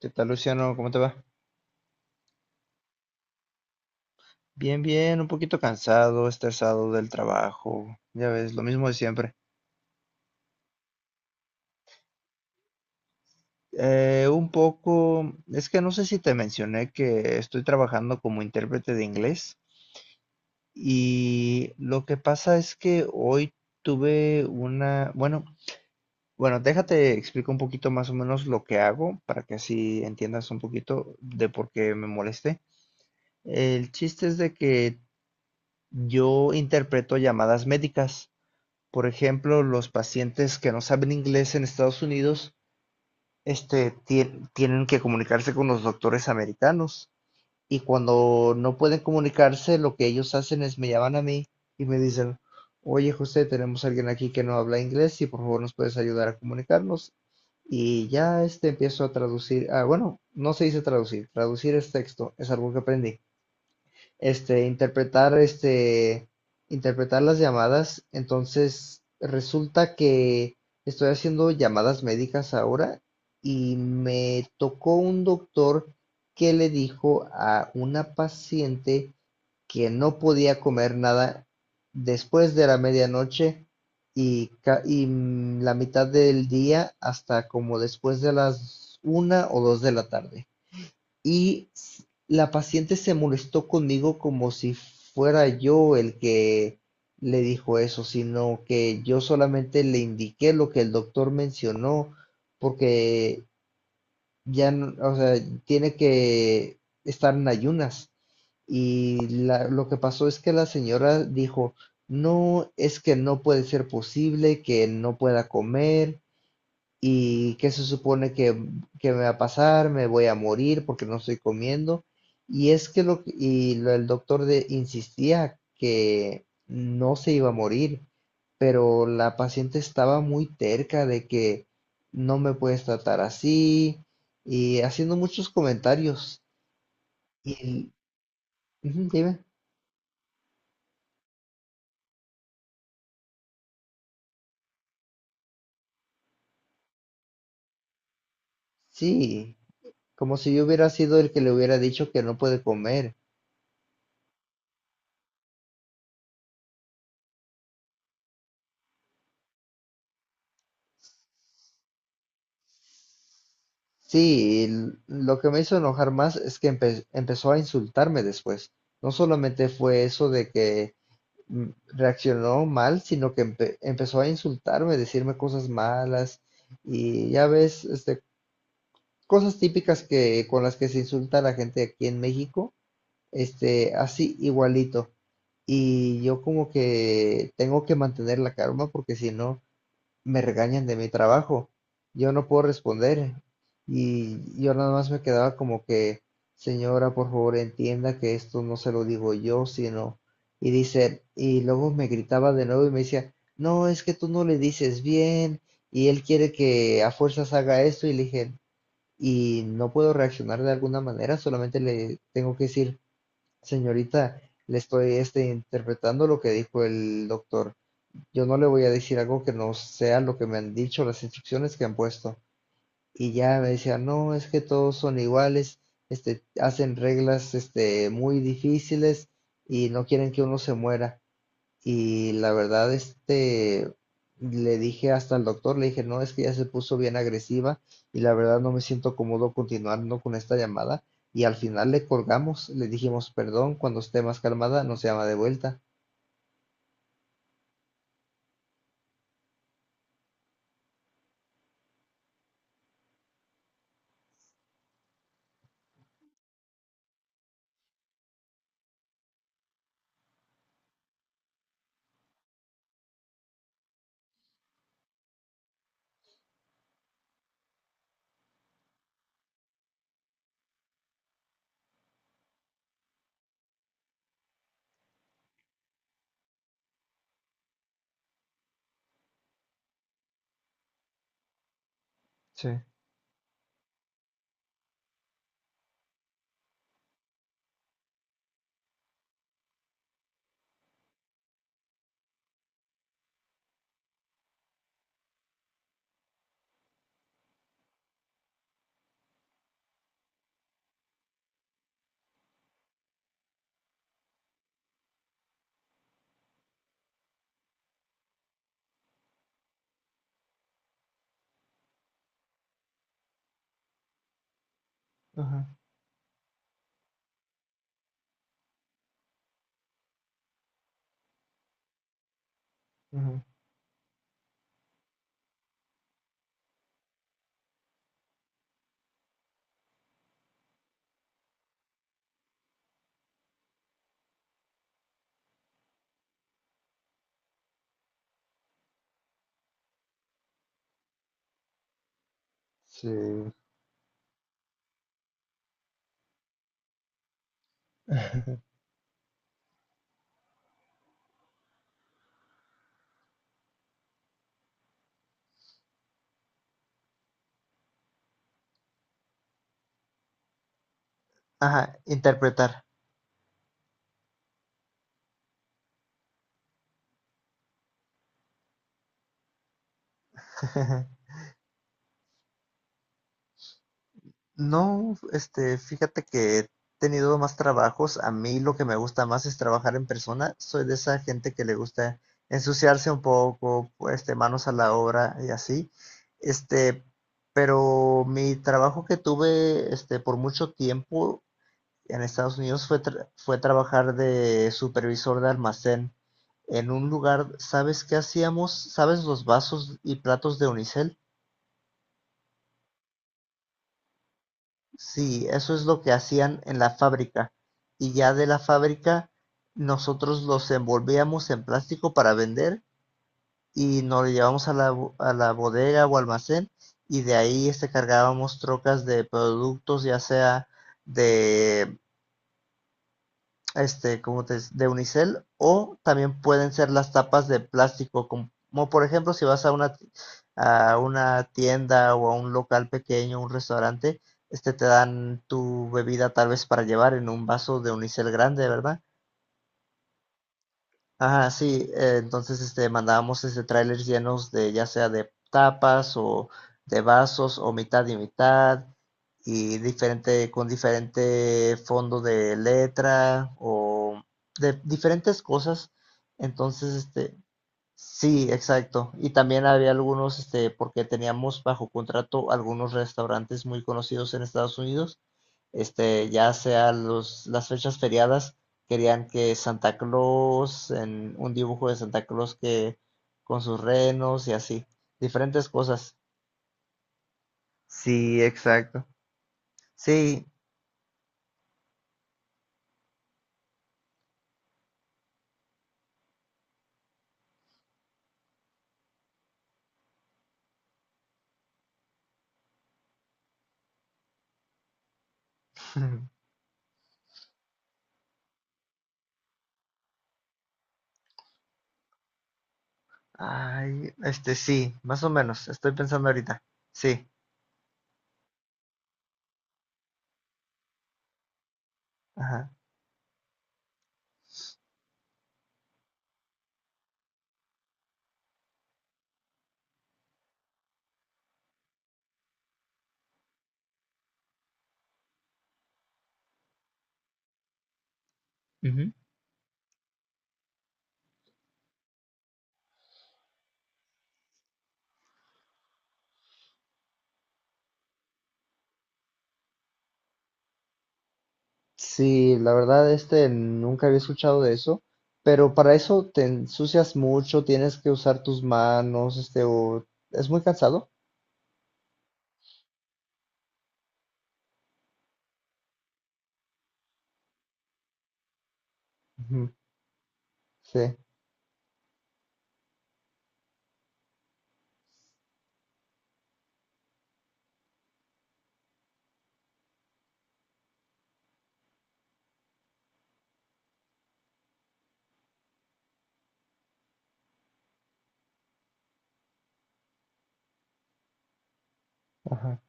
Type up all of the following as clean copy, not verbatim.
¿Qué tal, Luciano? ¿Cómo te va? Bien, bien, un poquito cansado, estresado del trabajo, ya ves, lo mismo de siempre. Un poco, es que no sé si te mencioné que estoy trabajando como intérprete de inglés y lo que pasa es que hoy tuve una, bueno, bueno, déjate explico un poquito más o menos lo que hago para que así entiendas un poquito de por qué me molesté. El chiste es de que yo interpreto llamadas médicas. Por ejemplo, los pacientes que no saben inglés en Estados Unidos, tienen que comunicarse con los doctores americanos. Y cuando no pueden comunicarse, lo que ellos hacen es me llaman a mí y me dicen, oye José, tenemos a alguien aquí que no habla inglés y por favor nos puedes ayudar a comunicarnos. Y ya empiezo a traducir. Bueno, no se dice traducir, traducir es texto, es algo que aprendí, este, interpretar, este, interpretar las llamadas. Entonces, resulta que estoy haciendo llamadas médicas ahora y me tocó un doctor que le dijo a una paciente que no podía comer nada después de la medianoche y la mitad del día hasta como después de las una o dos de la tarde. Y la paciente se molestó conmigo como si fuera yo el que le dijo eso, sino que yo solamente le indiqué lo que el doctor mencionó, porque ya, o sea, tiene que estar en ayunas. Y lo que pasó es que la señora dijo, no, es que no puede ser posible que no pueda comer, y qué se supone que me va a pasar, me voy a morir porque no estoy comiendo. Y es que el doctor insistía que no se iba a morir, pero la paciente estaba muy terca de que no me puedes tratar así y haciendo muchos comentarios. Y, ujú, dime. Sí, como si yo hubiera sido el que le hubiera dicho que no puede comer. Sí, lo que me hizo enojar más es que empezó a insultarme después. No solamente fue eso de que reaccionó mal, sino que empezó a insultarme, decirme cosas malas, y ya ves, cosas típicas que con las que se insulta a la gente aquí en México, así igualito. Y yo como que tengo que mantener la calma, porque si no me regañan de mi trabajo. Yo no puedo responder, y yo nada más me quedaba como que, señora, por favor, entienda que esto no se lo digo yo, sino... Y dice, y luego me gritaba de nuevo y me decía, no, es que tú no le dices bien y él quiere que a fuerzas haga esto, y le dije, y no puedo reaccionar de alguna manera, solamente le tengo que decir, señorita, le estoy, interpretando lo que dijo el doctor, yo no le voy a decir algo que no sea lo que me han dicho, las instrucciones que han puesto. Y ya me decía, no, es que todos son iguales, hacen reglas, muy difíciles y no quieren que uno se muera. Y la verdad, le dije hasta al doctor, le dije, no, es que ya se puso bien agresiva y la verdad no me siento cómodo continuando con esta llamada. Y al final le colgamos, le dijimos, perdón, cuando esté más calmada, no se llama de vuelta. Sí, ajá, ajá. Sí, ajá, interpretar. No, fíjate que he tenido más trabajos. A mí lo que me gusta más es trabajar en persona. Soy de esa gente que le gusta ensuciarse un poco, pues, manos a la obra y así. Este, pero mi trabajo que tuve, por mucho tiempo en Estados Unidos fue, fue trabajar de supervisor de almacén en un lugar. ¿Sabes qué hacíamos? ¿Sabes los vasos y platos de unicel? Sí, eso es lo que hacían en la fábrica, y ya de la fábrica nosotros los envolvíamos en plástico para vender y nos lo llevamos a la bodega o almacén, y de ahí, cargábamos trocas de productos, ya sea de como te de unicel, o también pueden ser las tapas de plástico, como por ejemplo si vas a una, tienda o a un local pequeño, un restaurante, te dan tu bebida tal vez para llevar en un vaso de unicel grande, ¿verdad? Ajá, sí, entonces, mandábamos, trailers llenos de ya sea de tapas o de vasos o mitad y mitad, y diferente, con diferente fondo de letra o de diferentes cosas. Entonces, sí, exacto. Y también había algunos, porque teníamos bajo contrato algunos restaurantes muy conocidos en Estados Unidos. Ya sea las fechas feriadas, querían que Santa Claus, en un dibujo de Santa Claus que con sus renos y así, diferentes cosas. Sí, exacto. Sí, ay, sí, más o menos, estoy pensando ahorita. Sí, ajá. Ujú. Sí, la verdad, nunca había escuchado de eso, pero para eso te ensucias mucho, tienes que usar tus manos, o es muy cansado. Ujú, sí, ajá.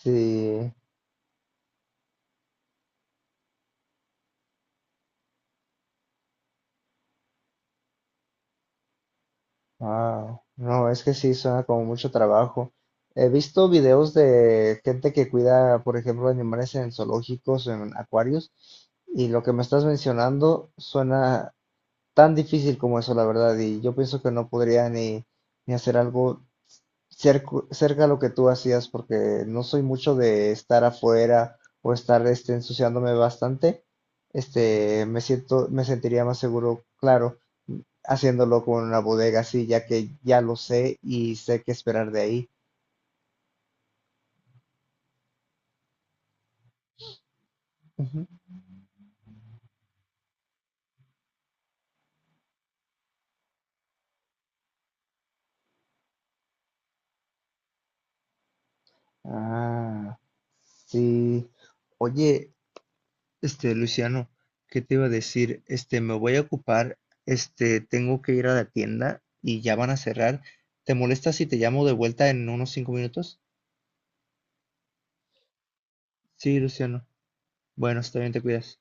Sí, wow. No, es que sí, suena como mucho trabajo. He visto videos de gente que cuida, por ejemplo, animales en zoológicos o en acuarios, y lo que me estás mencionando suena tan difícil como eso, la verdad, y yo pienso que no podría ni, hacer algo cerca a lo que tú hacías, porque no soy mucho de estar afuera o estar, ensuciándome bastante. Me siento, me sentiría más seguro, claro, haciéndolo con una bodega así, ya que ya lo sé y sé qué esperar de ahí. Ujú. Ah, sí. Oye, Luciano, ¿qué te iba a decir? Me voy a ocupar, tengo que ir a la tienda y ya van a cerrar. ¿Te molesta si te llamo de vuelta en unos 5 minutos? Sí, Luciano. Bueno, está bien, te cuidas.